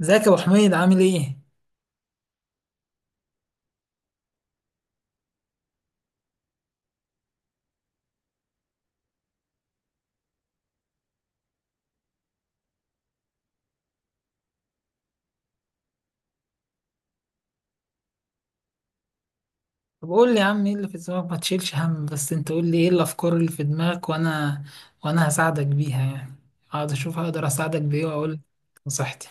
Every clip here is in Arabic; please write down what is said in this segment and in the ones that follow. ازيك يا ابو حميد، عامل ايه؟ طب قول لي يا عم، ايه اللي في دماغك؟ ما تشيلش هم، بس انت قول لي ايه الافكار اللي في دماغك، وانا هساعدك بيها يعني. اقعد اشوف هقدر اساعدك بايه واقول لك نصيحتي.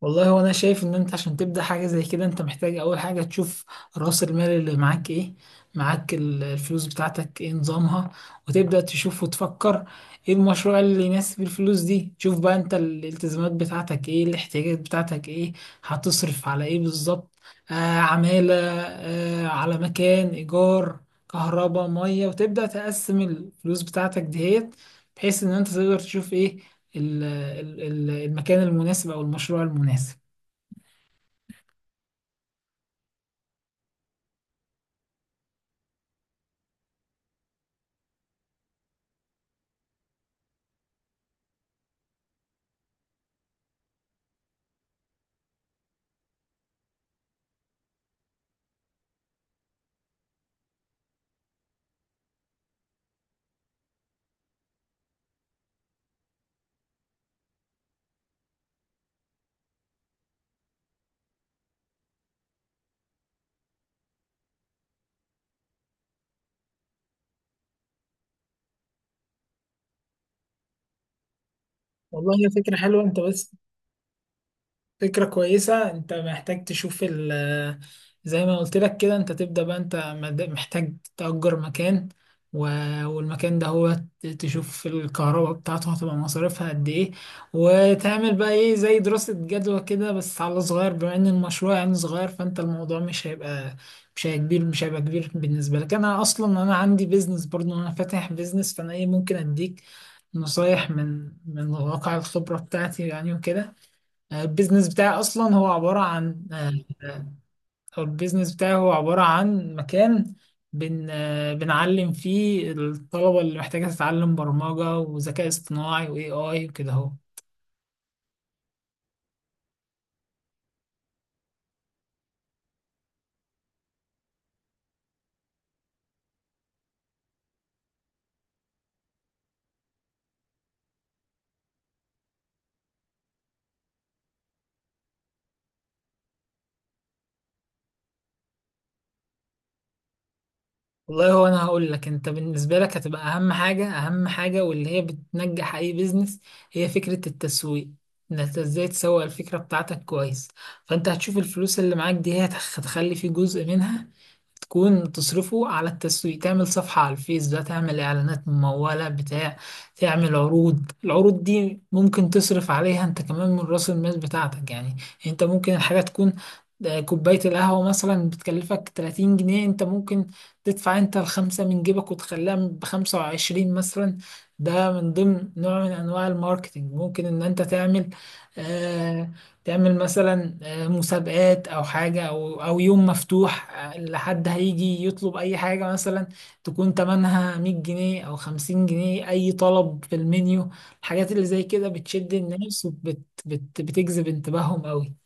والله وانا شايف ان انت عشان تبدا حاجه زي كده، انت محتاج اول حاجه تشوف راس المال اللي معاك ايه. معاك الفلوس بتاعتك ايه نظامها، وتبدا تشوف وتفكر ايه المشروع اللي يناسب الفلوس دي. تشوف بقى انت الالتزامات بتاعتك ايه، الاحتياجات بتاعتك ايه، هتصرف على ايه بالظبط؟ آه عماله، على مكان، ايجار، كهرباء، ميه. وتبدا تقسم الفلوس بتاعتك ديت، بحيث ان انت تقدر تشوف ايه المكان المناسب او المشروع المناسب. والله هي فكرة حلوة. انت بس، فكرة كويسة. انت محتاج تشوف ال آه، زي ما قلت لك كده انت تبدأ بقى. انت محتاج تأجر مكان، والمكان ده هو تشوف الكهرباء بتاعته هتبقى مصاريفها قد ايه. وتعمل بقى ايه زي دراسة جدوى كده، بس على صغير، بما ان المشروع يعني صغير. فانت الموضوع مش هيبقى كبير بالنسبة لك. انا اصلا انا عندي بيزنس برضو، انا فاتح بيزنس، فانا ايه ممكن اديك نصايح من واقع الخبرة بتاعتي يعني وكده. البيزنس بتاعي اصلا هو عباره عن آه، او البيزنس بتاعي هو عباره عن مكان. بن آه، بنعلم فيه الطلبه اللي محتاجه تتعلم برمجه وذكاء اصطناعي واي اي وكده اهو. والله هو انا هقول لك، انت بالنسبه لك هتبقى اهم حاجه واللي هي بتنجح اي بيزنس هي فكره التسويق. انك ازاي تسوق الفكره بتاعتك كويس. فانت هتشوف الفلوس اللي معاك دي هي هتخلي فيه جزء منها تكون تصرفه على التسويق. تعمل صفحة على الفيس بقى، تعمل إعلانات ممولة بتاع تعمل عروض. العروض دي ممكن تصرف عليها أنت كمان من رأس المال بتاعتك يعني. أنت ممكن الحاجة تكون، كوباية القهوة مثلا بتكلفك 30 جنيه، أنت ممكن تدفع أنت الخمسة من جيبك وتخليها بـ25 مثلا. ده من ضمن نوع من أنواع الماركتينج. ممكن إن أنت تعمل، آه، تعمل مثلا مسابقات او حاجه، او يوم مفتوح، لحد هيجي يطلب اي حاجه مثلا تكون تمنها 100 جنيه او 50 جنيه، اي طلب في المنيو. الحاجات اللي زي كده بتشد الناس وبت بت بتجذب انتباههم قوي.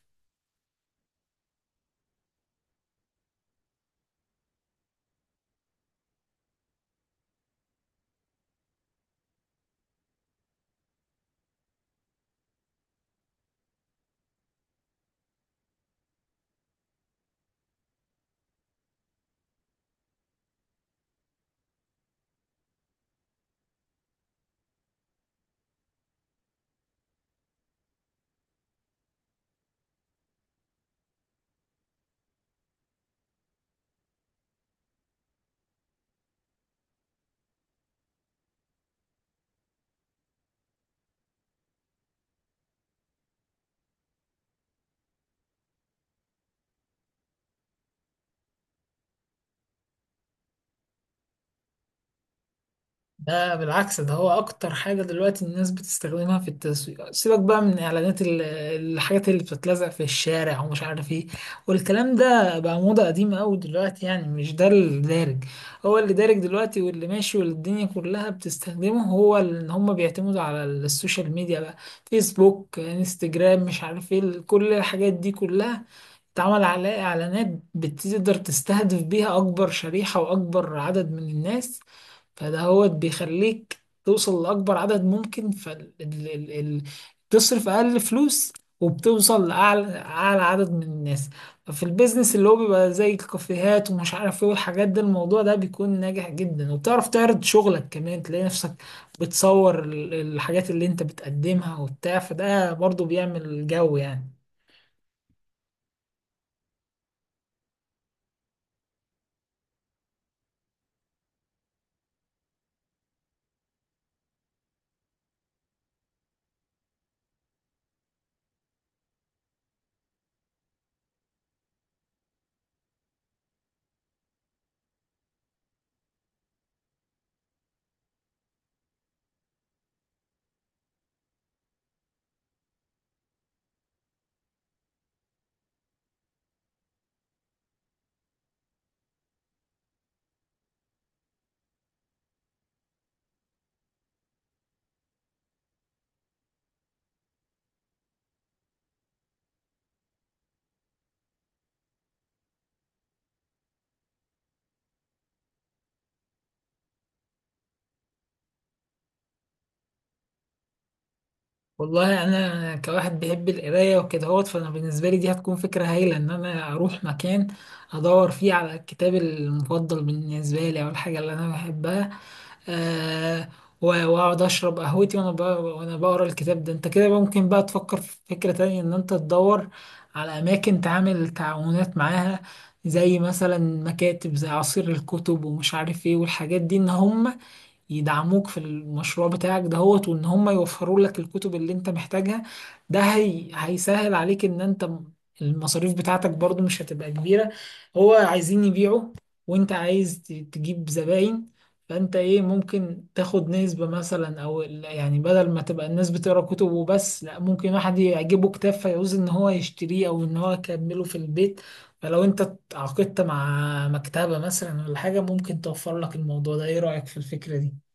ده بالعكس، ده هو اكتر حاجة دلوقتي الناس بتستخدمها في التسويق. سيبك بقى من اعلانات الحاجات اللي بتتلزق في الشارع ومش عارف ايه، والكلام ده بقى موضة قديمة قوي دلوقتي يعني، مش ده اللي دارج. هو اللي دارج دلوقتي واللي ماشي واللي الدنيا كلها بتستخدمه، هو ان هم بيعتمدوا على السوشيال ميديا بقى، فيسبوك، انستجرام، مش عارف ايه. كل الحاجات دي كلها اتعمل عليها اعلانات بتقدر تستهدف بيها اكبر شريحة واكبر عدد من الناس. فده هو بيخليك توصل لأكبر عدد ممكن فتصرف أقل فلوس، وبتوصل لأعلى عدد من الناس. ففي البيزنس اللي هو بيبقى زي الكافيهات ومش عارف ايه والحاجات ده، الموضوع ده بيكون ناجح جدا، وبتعرف تعرض شغلك كمان. تلاقي نفسك بتصور الحاجات اللي انت بتقدمها وبتاع، فده برضو بيعمل جو يعني. والله انا كواحد بيحب القرايه وكده هوت، فانا بالنسبه لي دي هتكون فكره هايله، ان انا اروح مكان ادور فيه على الكتاب المفضل بالنسبه لي او الحاجه اللي انا بحبها، آه واقعد اشرب قهوتي وانا بقرا الكتاب ده. انت كده بقى ممكن بقى تفكر في فكره تانية، ان انت تدور على اماكن تعمل تعاونات معاها، زي مثلا مكاتب زي عصير الكتب ومش عارف ايه والحاجات دي، ان هم يدعموك في المشروع بتاعك دهوت، وان هم يوفروا لك الكتب اللي انت محتاجها. ده هي هيسهل عليك ان انت، المصاريف بتاعتك برضو مش هتبقى كبيرة. هو عايزين يبيعوا، وانت عايز تجيب زباين، فانت ايه ممكن تاخد نسبة مثلا او يعني بدل ما تبقى الناس بتقرا كتب وبس، لا، ممكن واحد يعجبه كتاب فيعوز ان هو يشتريه او ان هو يكمله في البيت. فلو انت اتعاقدت مع مكتبة مثلا ولا حاجة، ممكن توفر لك الموضوع ده. ايه رأيك في الفكرة دي؟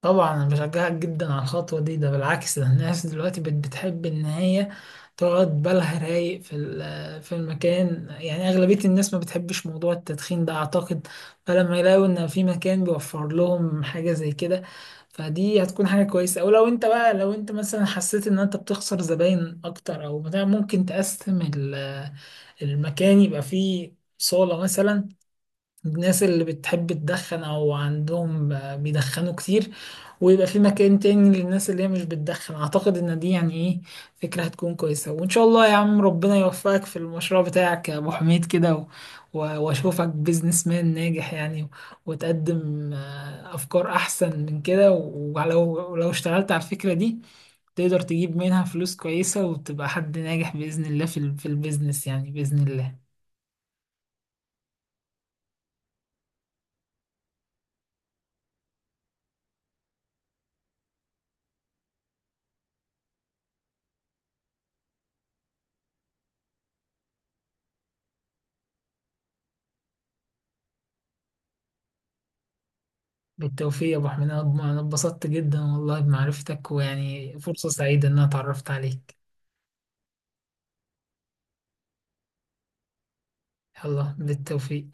طبعا انا بشجعك جدا على الخطوه دي. ده بالعكس، ده الناس دلوقتي بتحب ان هي تقعد بالها رايق في في المكان يعني. اغلبيه الناس ما بتحبش موضوع التدخين ده اعتقد، فلما يلاقوا ان في مكان بيوفر لهم حاجه زي كده، فدي هتكون حاجه كويسه. او لو انت مثلا حسيت ان انت بتخسر زباين اكتر او بتاع، ممكن تقسم المكان، يبقى فيه صاله مثلا الناس اللي بتحب تدخن او عندهم بيدخنوا كتير، ويبقى في مكان تاني للناس اللي هي مش بتدخن. اعتقد ان دي يعني ايه فكرة هتكون كويسة. وان شاء الله يا عم ربنا يوفقك في المشروع بتاعك يا ابو حميد كده، واشوفك بيزنس مان ناجح يعني، وتقدم افكار احسن من كده. ولو اشتغلت على الفكرة دي، تقدر تجيب منها فلوس كويسة وتبقى حد ناجح بإذن الله في في البيزنس يعني بإذن الله. بالتوفيق يا أبو حميد، أنا اتبسطت جدا والله بمعرفتك، ويعني فرصة سعيدة إن أنا اتعرفت عليك. يلا بالتوفيق.